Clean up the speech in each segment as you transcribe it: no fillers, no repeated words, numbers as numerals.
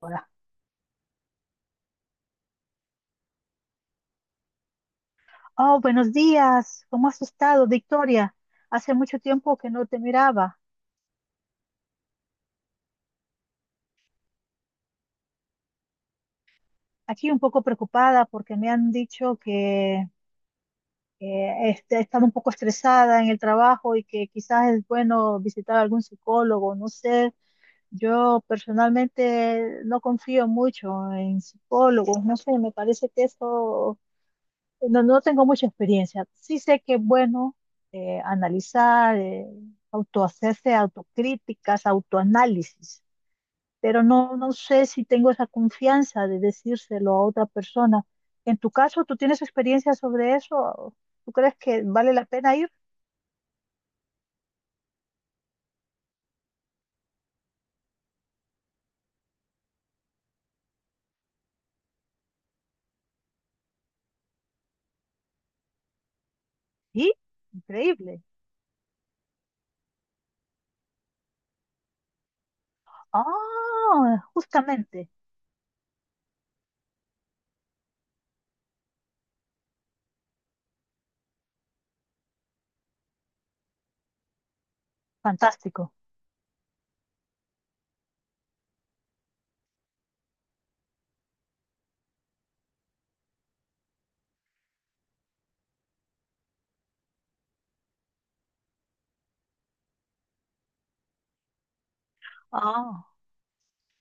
Hola. Oh, buenos días. ¿Cómo has estado, Victoria? Hace mucho tiempo que no te miraba. Aquí un poco preocupada porque me han dicho que he estado un poco estresada en el trabajo y que quizás es bueno visitar a algún psicólogo. No sé, yo personalmente no confío mucho en psicólogos. No sé, me parece que eso. No, no tengo mucha experiencia. Sí sé que es bueno analizar, autohacerse autocríticas, autoanálisis, pero no, no sé si tengo esa confianza de decírselo a otra persona. En tu caso, ¿tú tienes experiencia sobre eso? ¿Tú crees que vale la pena ir? Sí, increíble. Ah, justamente, fantástico. Ah,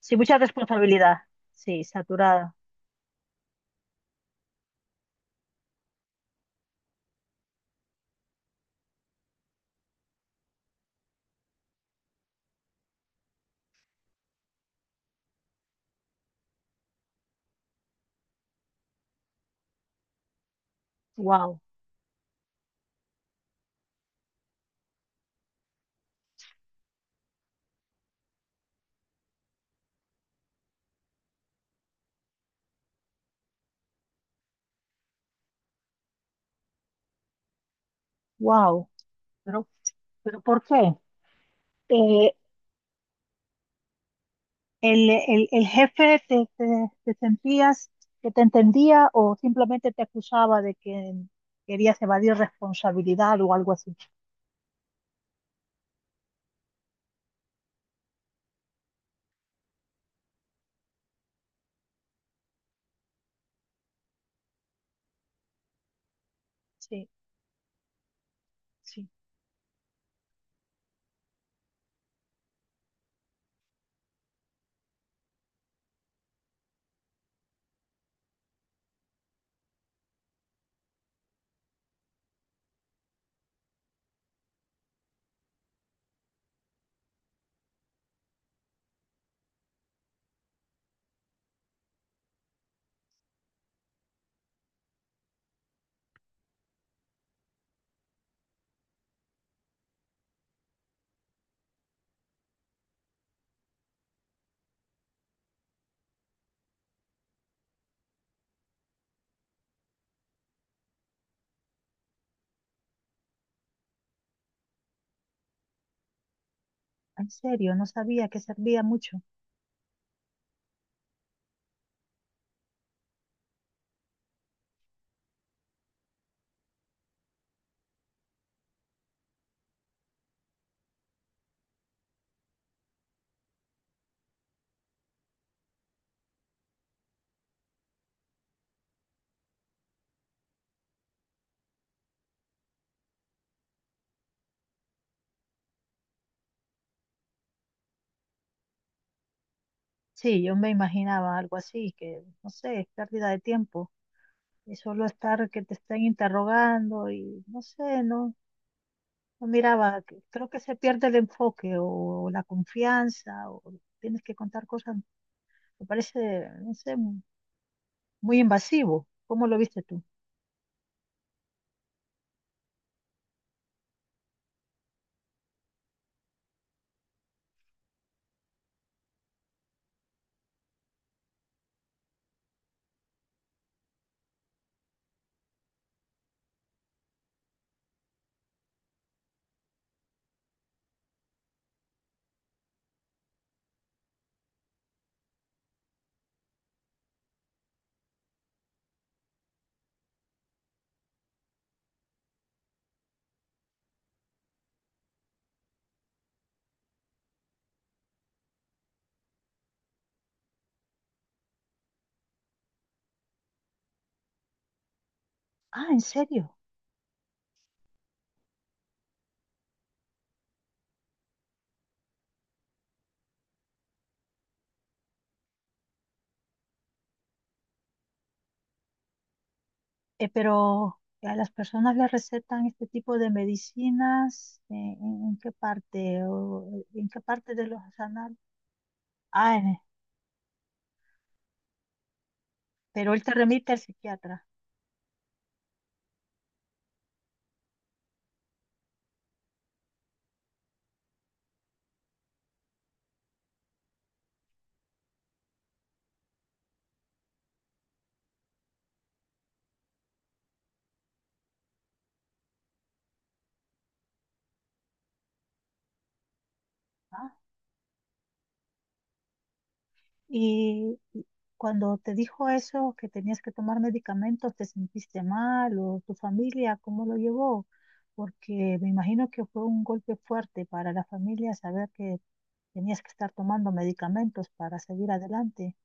sí, mucha responsabilidad. Sí, saturada. Wow, wow. Pero, pero ¿por qué? Eh, el jefe, te sentías que te entendía o simplemente te acusaba de que querías evadir responsabilidad o algo así. Sí, sí. En serio, no sabía que servía mucho. Sí, yo me imaginaba algo así, que no sé, es pérdida de tiempo. Y solo estar que te estén interrogando y no sé, no, no miraba. Creo que se pierde el enfoque, o la confianza, o tienes que contar cosas. Me parece, no sé, muy invasivo. ¿Cómo lo viste tú? Ah, ¿en serio? Pero ¿a las personas les recetan este tipo de medicinas? ¿En qué parte? ¿O en qué parte de los anales? Ah, pero él te remite al psiquiatra. Ah, y cuando te dijo eso, que tenías que tomar medicamentos, ¿te sentiste mal? ¿O tu familia cómo lo llevó? Porque me imagino que fue un golpe fuerte para la familia saber que tenías que estar tomando medicamentos para seguir adelante.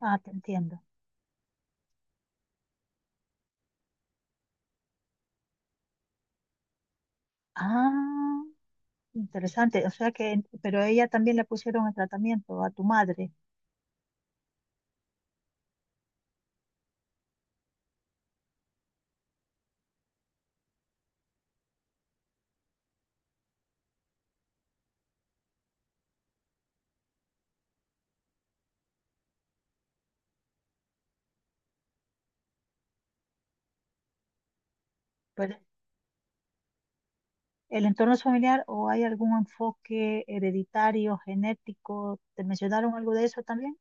Ah, te entiendo. Ah, interesante. O sea que, pero a ella también le pusieron el tratamiento a tu madre. Pero, ¿el entorno es familiar o hay algún enfoque hereditario, genético? ¿Te mencionaron algo de eso también?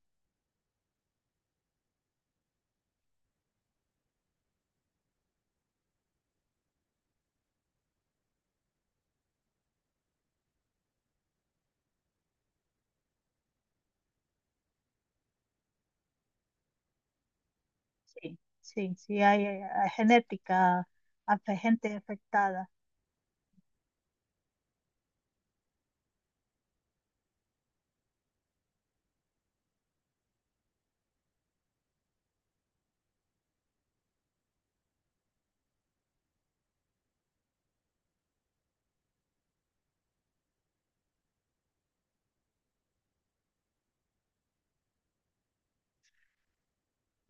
Sí, sí, sí, hay, genética, gente afectada.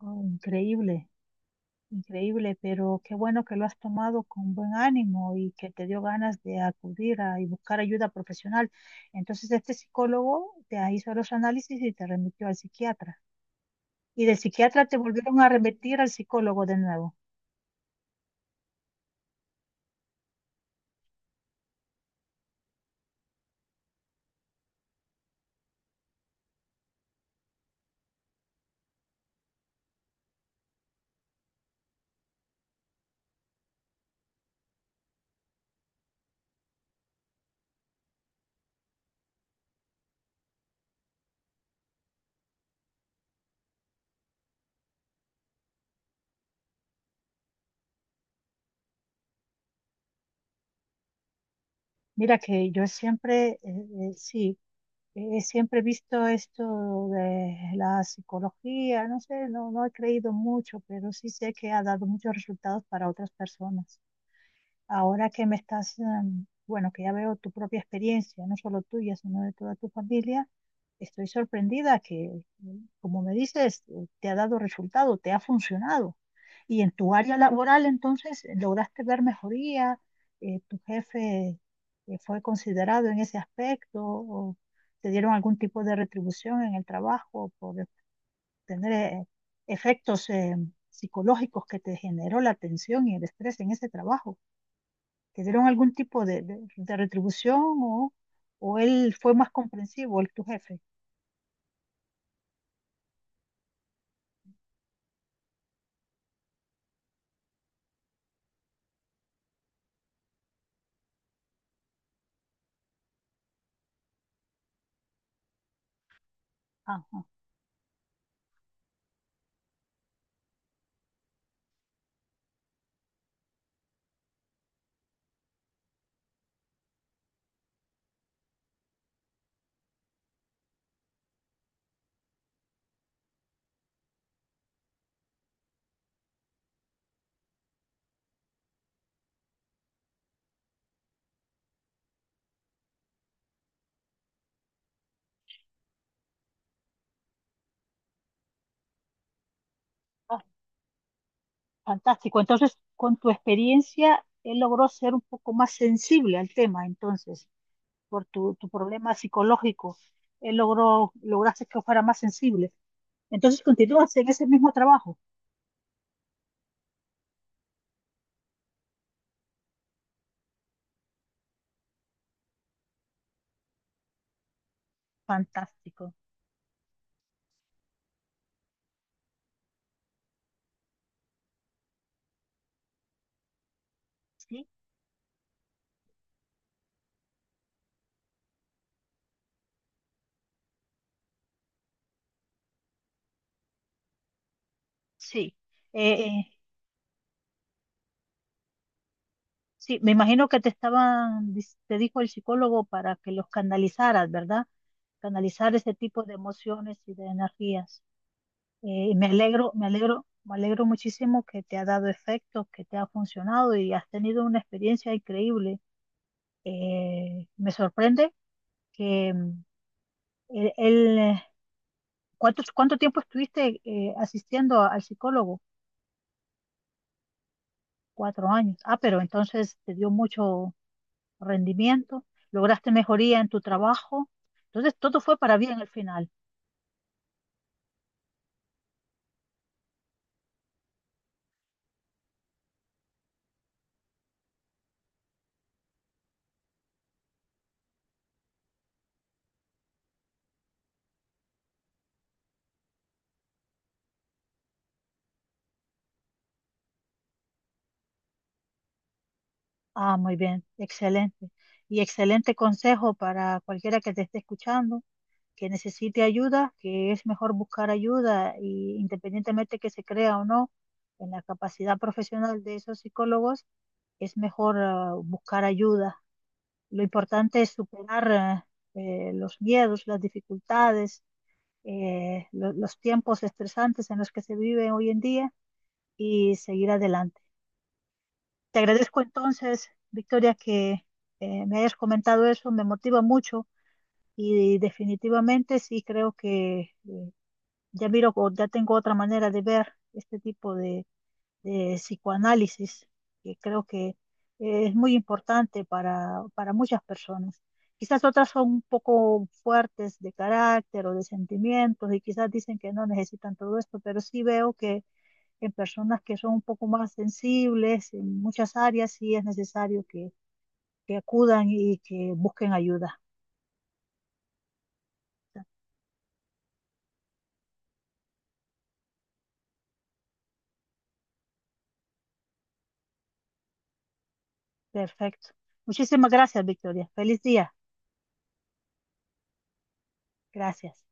Oh, increíble. Increíble, pero qué bueno que lo has tomado con buen ánimo y que te dio ganas de acudir a, y buscar ayuda profesional. Entonces, este psicólogo hizo los análisis y te remitió al psiquiatra. Y del psiquiatra te volvieron a remitir al psicólogo de nuevo. Mira que yo siempre, sí, siempre he visto esto de la psicología, no sé, no, no he creído mucho, pero sí sé que ha dado muchos resultados para otras personas. Ahora que me estás, bueno, que ya veo tu propia experiencia, no solo tuya, sino de toda tu familia, estoy sorprendida que, como me dices, te ha dado resultado, te ha funcionado. Y en tu área laboral, entonces, lograste ver mejoría. Tu jefe, ¿fue considerado en ese aspecto, o te dieron algún tipo de retribución en el trabajo por tener efectos psicológicos que te generó la tensión y el estrés en ese trabajo? ¿Te dieron algún tipo de retribución, o él fue más comprensivo, el tu jefe? Ajá. Ah, fantástico. Entonces, con tu experiencia, él logró ser un poco más sensible al tema, entonces, por tu problema psicológico, lograste que fuera más sensible. Entonces, continúas en ese mismo trabajo. Fantástico. Sí, sí. Eh, eh, Sí, me imagino que te dijo el psicólogo para que los canalizaras, ¿verdad? Canalizar ese tipo de emociones y de energías. Y me alegro, me alegro, me alegro muchísimo que te ha dado efecto, que te ha funcionado y has tenido una experiencia increíble. Me sorprende que el, el, eh, ¿cuánto tiempo estuviste asistiendo al psicólogo? 4 años. Ah, pero entonces te dio mucho rendimiento, lograste mejoría en tu trabajo. Entonces, todo fue para bien al final. Ah, muy bien, excelente. Y excelente consejo para cualquiera que te esté escuchando, que necesite ayuda, que es mejor buscar ayuda, y independientemente que se crea o no en la capacidad profesional de esos psicólogos, es mejor, buscar ayuda. Lo importante es superar los miedos, las dificultades, los tiempos estresantes en los que se vive hoy en día y seguir adelante. Te agradezco entonces, Victoria, que me hayas comentado eso, me motiva mucho, y definitivamente sí creo que ya miro, o ya tengo otra manera de ver este tipo de psicoanálisis, que creo que es muy importante para muchas personas. Quizás otras son un poco fuertes de carácter o de sentimientos y quizás dicen que no necesitan todo esto, pero sí veo que en personas que son un poco más sensibles, en muchas áreas sí es necesario que acudan y que busquen ayuda. Perfecto. Muchísimas gracias, Victoria. Feliz día. Gracias.